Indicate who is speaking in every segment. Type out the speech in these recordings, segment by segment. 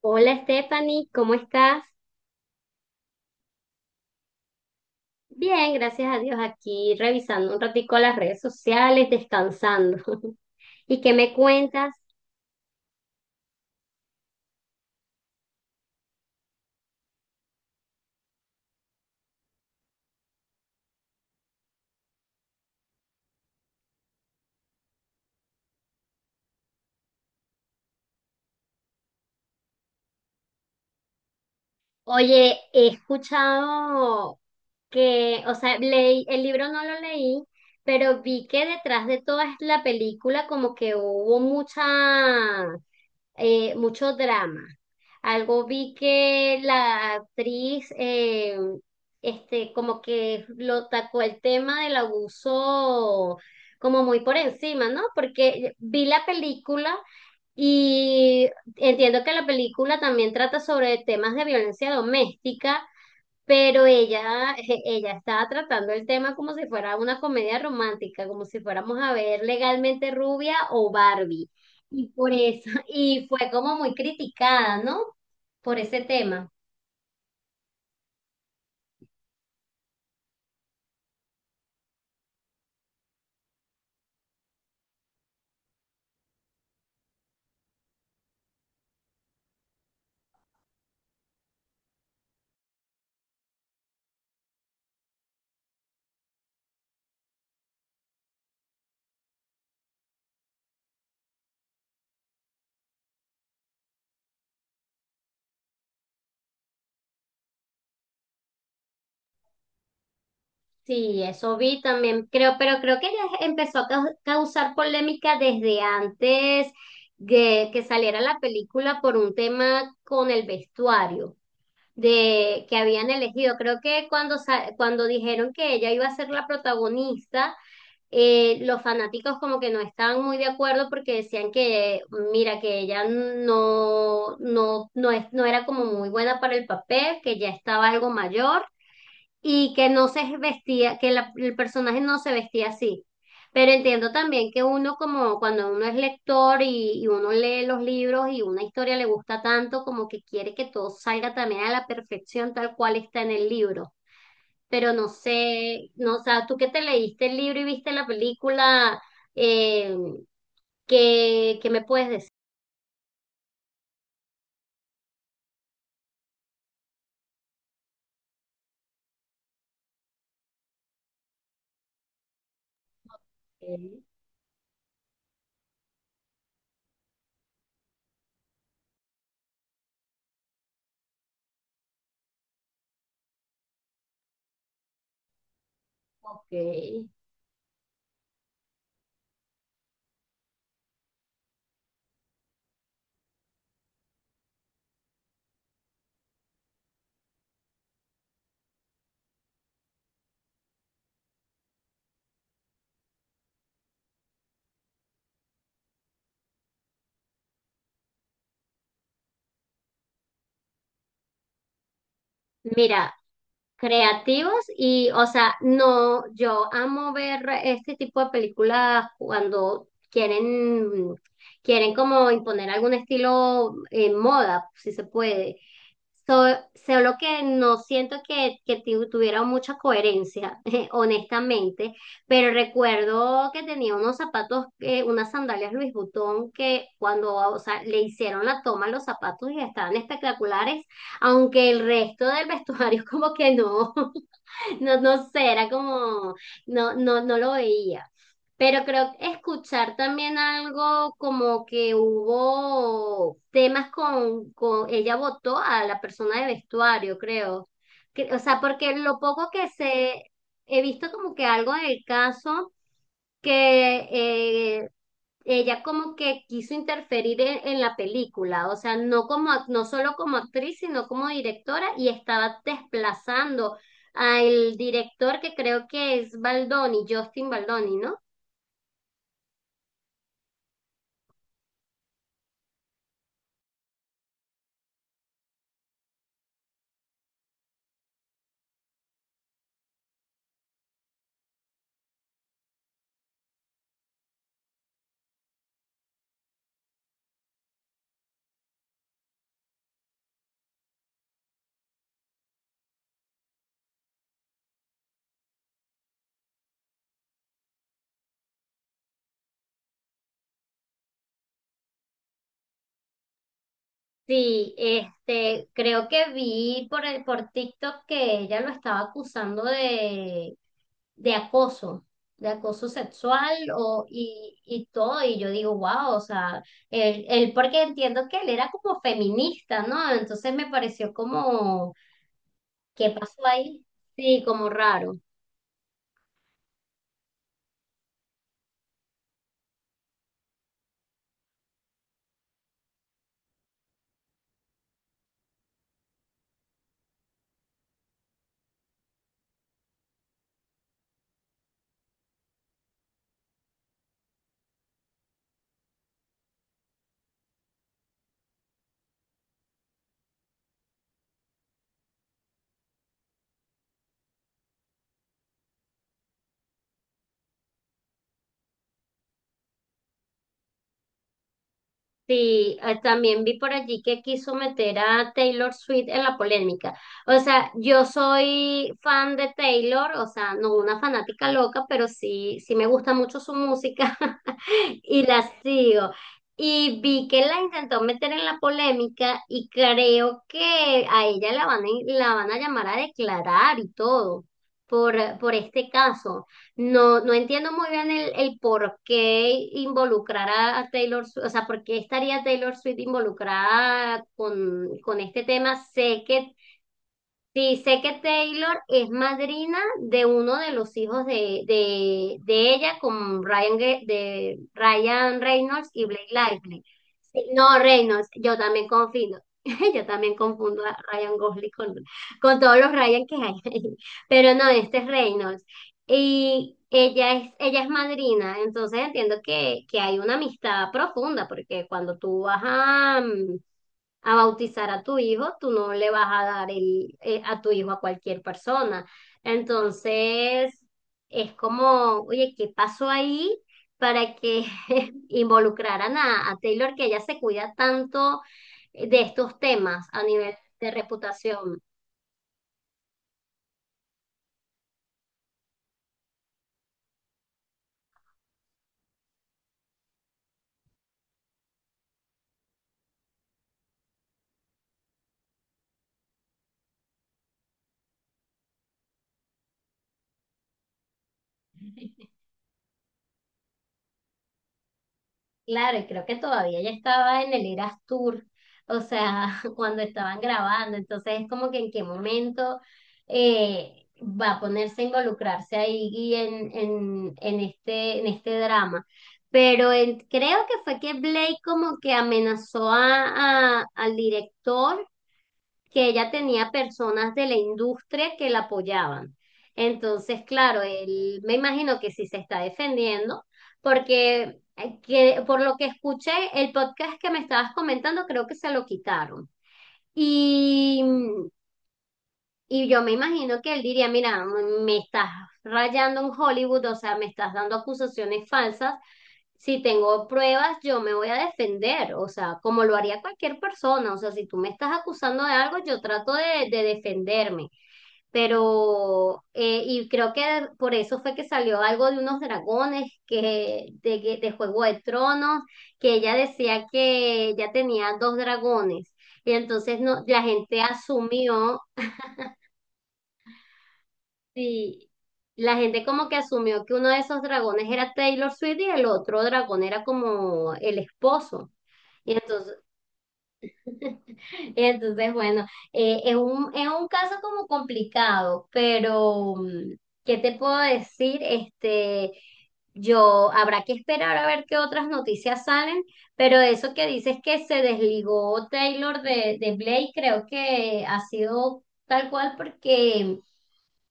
Speaker 1: Hola Stephanie, ¿cómo estás? Bien, gracias a Dios, aquí revisando un ratico las redes sociales, descansando. ¿Y qué me cuentas? Oye, he escuchado leí, el libro no lo leí, pero vi que detrás de toda la película como que hubo mucho drama. Algo vi que la actriz, como que lo tacó el tema del abuso como muy por encima, ¿no? Porque vi la película y entiendo que la película también trata sobre temas de violencia doméstica, pero ella estaba tratando el tema como si fuera una comedia romántica, como si fuéramos a ver Legalmente Rubia o Barbie. Y por eso, y fue como muy criticada, ¿no? Por ese tema. Sí, eso vi también, creo, pero creo que ella empezó a causar polémica desde antes de que saliera la película por un tema con el vestuario de que habían elegido. Creo que cuando dijeron que ella iba a ser la protagonista, los fanáticos como que no estaban muy de acuerdo porque decían que, mira, que ella no era como muy buena para el papel, que ya estaba algo mayor y que no se vestía, que el personaje no se vestía así. Pero entiendo también que uno como cuando uno es lector y uno lee los libros y una historia le gusta tanto, como que quiere que todo salga también a la perfección tal cual está en el libro. Pero no sé, no, o sea, tú que te leíste el libro y viste la película, eh, ¿qué me puedes decir? Ok. Mira, creativos y, o sea, no, yo amo ver este tipo de películas cuando quieren como imponer algún estilo en moda, si se puede. Solo que no siento que tuviera mucha coherencia, honestamente, pero recuerdo que tenía unos unas sandalias Louis Vuitton que cuando, o sea, le hicieron la toma a los zapatos y estaban espectaculares, aunque el resto del vestuario como que no. No, no sé, era como, no lo veía. Pero creo que escuchar también algo como que hubo temas con ella votó a la persona de vestuario, creo. O sea, porque lo poco que se, he visto como que algo del caso que ella como que quiso interferir en la película, o sea, no como no solo como actriz, sino como directora y estaba desplazando al director que creo que es Baldoni, Justin Baldoni, ¿no? Sí, este, creo que vi por por TikTok que ella lo estaba acusando de acoso, de acoso sexual y todo. Y yo digo, wow, o sea, él, porque entiendo que él era como feminista, ¿no? Entonces me pareció como, ¿qué pasó ahí? Sí, como raro. Sí, también vi por allí que quiso meter a Taylor Swift en la polémica. O sea, yo soy fan de Taylor, o sea, no una fanática loca, pero sí, sí me gusta mucho su música. Y la sigo. Y vi que la intentó meter en la polémica y creo que a ella la van a llamar a declarar y todo por este caso. No, no entiendo muy bien el por qué involucrar a Taylor Swift, o sea, por qué estaría Taylor Swift involucrada con este tema. Sé que sí, sé que Taylor es madrina de uno de los hijos de ella con Ryan, de Ryan Reynolds y Blake Lively. Sí, no, Reynolds, yo también confundo. Yo también confundo a Ryan Gosling con todos los Ryan que hay. Pero no, este es Reynolds. Y ella es madrina, entonces entiendo que hay una amistad profunda, porque cuando tú vas a, mm, a bautizar a tu hijo, tú no le vas a dar a tu hijo a cualquier persona. Entonces, es como, oye, ¿qué pasó ahí para que involucraran a Taylor, que ella se cuida tanto de estos temas a nivel de reputación? Claro, y creo que todavía ya estaba en el Eras Tour, o sea, cuando estaban grabando, entonces es como que en qué momento va a ponerse a involucrarse ahí y en este drama. Pero creo que fue que Blake como que amenazó al director que ella tenía personas de la industria que la apoyaban. Entonces, claro, él me imagino que sí se está defendiendo, porque por lo que escuché, el podcast que me estabas comentando creo que se lo quitaron. Y, y yo me imagino que él diría, mira, me estás rayando en Hollywood, o sea, me estás dando acusaciones falsas si tengo pruebas, yo me voy a defender, o sea, como lo haría cualquier persona, o sea, si tú me estás acusando de algo, yo trato de defenderme, pero, y creo que por eso fue que salió algo de unos dragones, de Juego de Tronos, que ella decía que ella tenía dos dragones, y entonces no, la gente asumió, y la gente como que asumió que uno de esos dragones era Taylor Swift y el otro dragón era como el esposo. Y entonces, y entonces bueno, es un caso como complicado, pero mm, ¿qué te puedo decir? Este, yo habrá que esperar a ver qué otras noticias salen, pero eso que dices que se desligó Taylor de Blake, creo que ha sido tal cual porque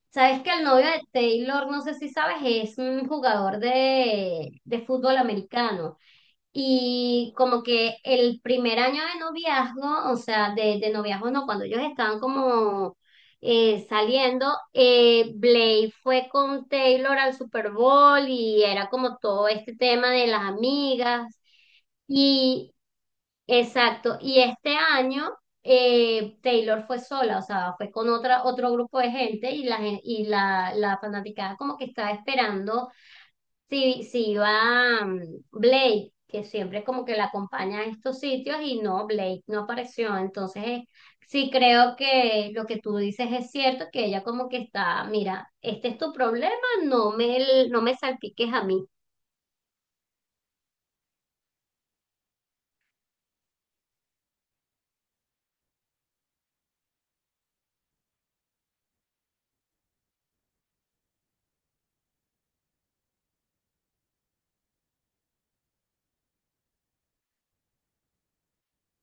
Speaker 1: sabes que el novio de Taylor, no sé si sabes, es un jugador de fútbol americano. Y como que el primer año de noviazgo, o sea, de noviazgo no, cuando ellos estaban como saliendo, Blake fue con Taylor al Super Bowl y era como todo este tema de las amigas. Y exacto, y este año Taylor fue sola, o sea, fue con otro grupo de gente y la, gen- y la fanaticada como que estaba esperando si, si iba mm, Blake, que siempre como que la acompaña a estos sitios y no, Blake no apareció. Entonces, sí creo que lo que tú dices es cierto, que ella como que está, mira, este es tu problema, no me salpiques a mí.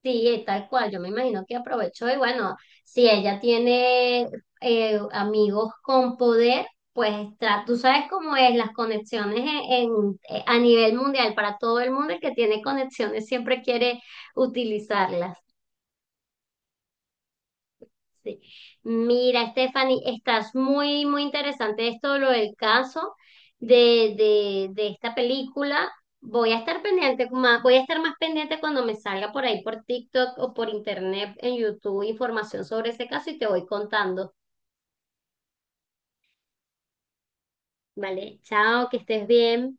Speaker 1: Sí, tal cual, yo me imagino que aprovechó y bueno, si ella tiene amigos con poder, pues tú sabes cómo es las conexiones a nivel mundial, para todo el mundo el que tiene conexiones siempre quiere utilizarlas. Sí. Mira, Stephanie, estás muy interesante esto, lo del caso de esta película. Voy a estar pendiente, más, voy a estar más pendiente cuando me salga por ahí por TikTok o por internet, en YouTube, información sobre ese caso y te voy contando. Vale, chao, que estés bien.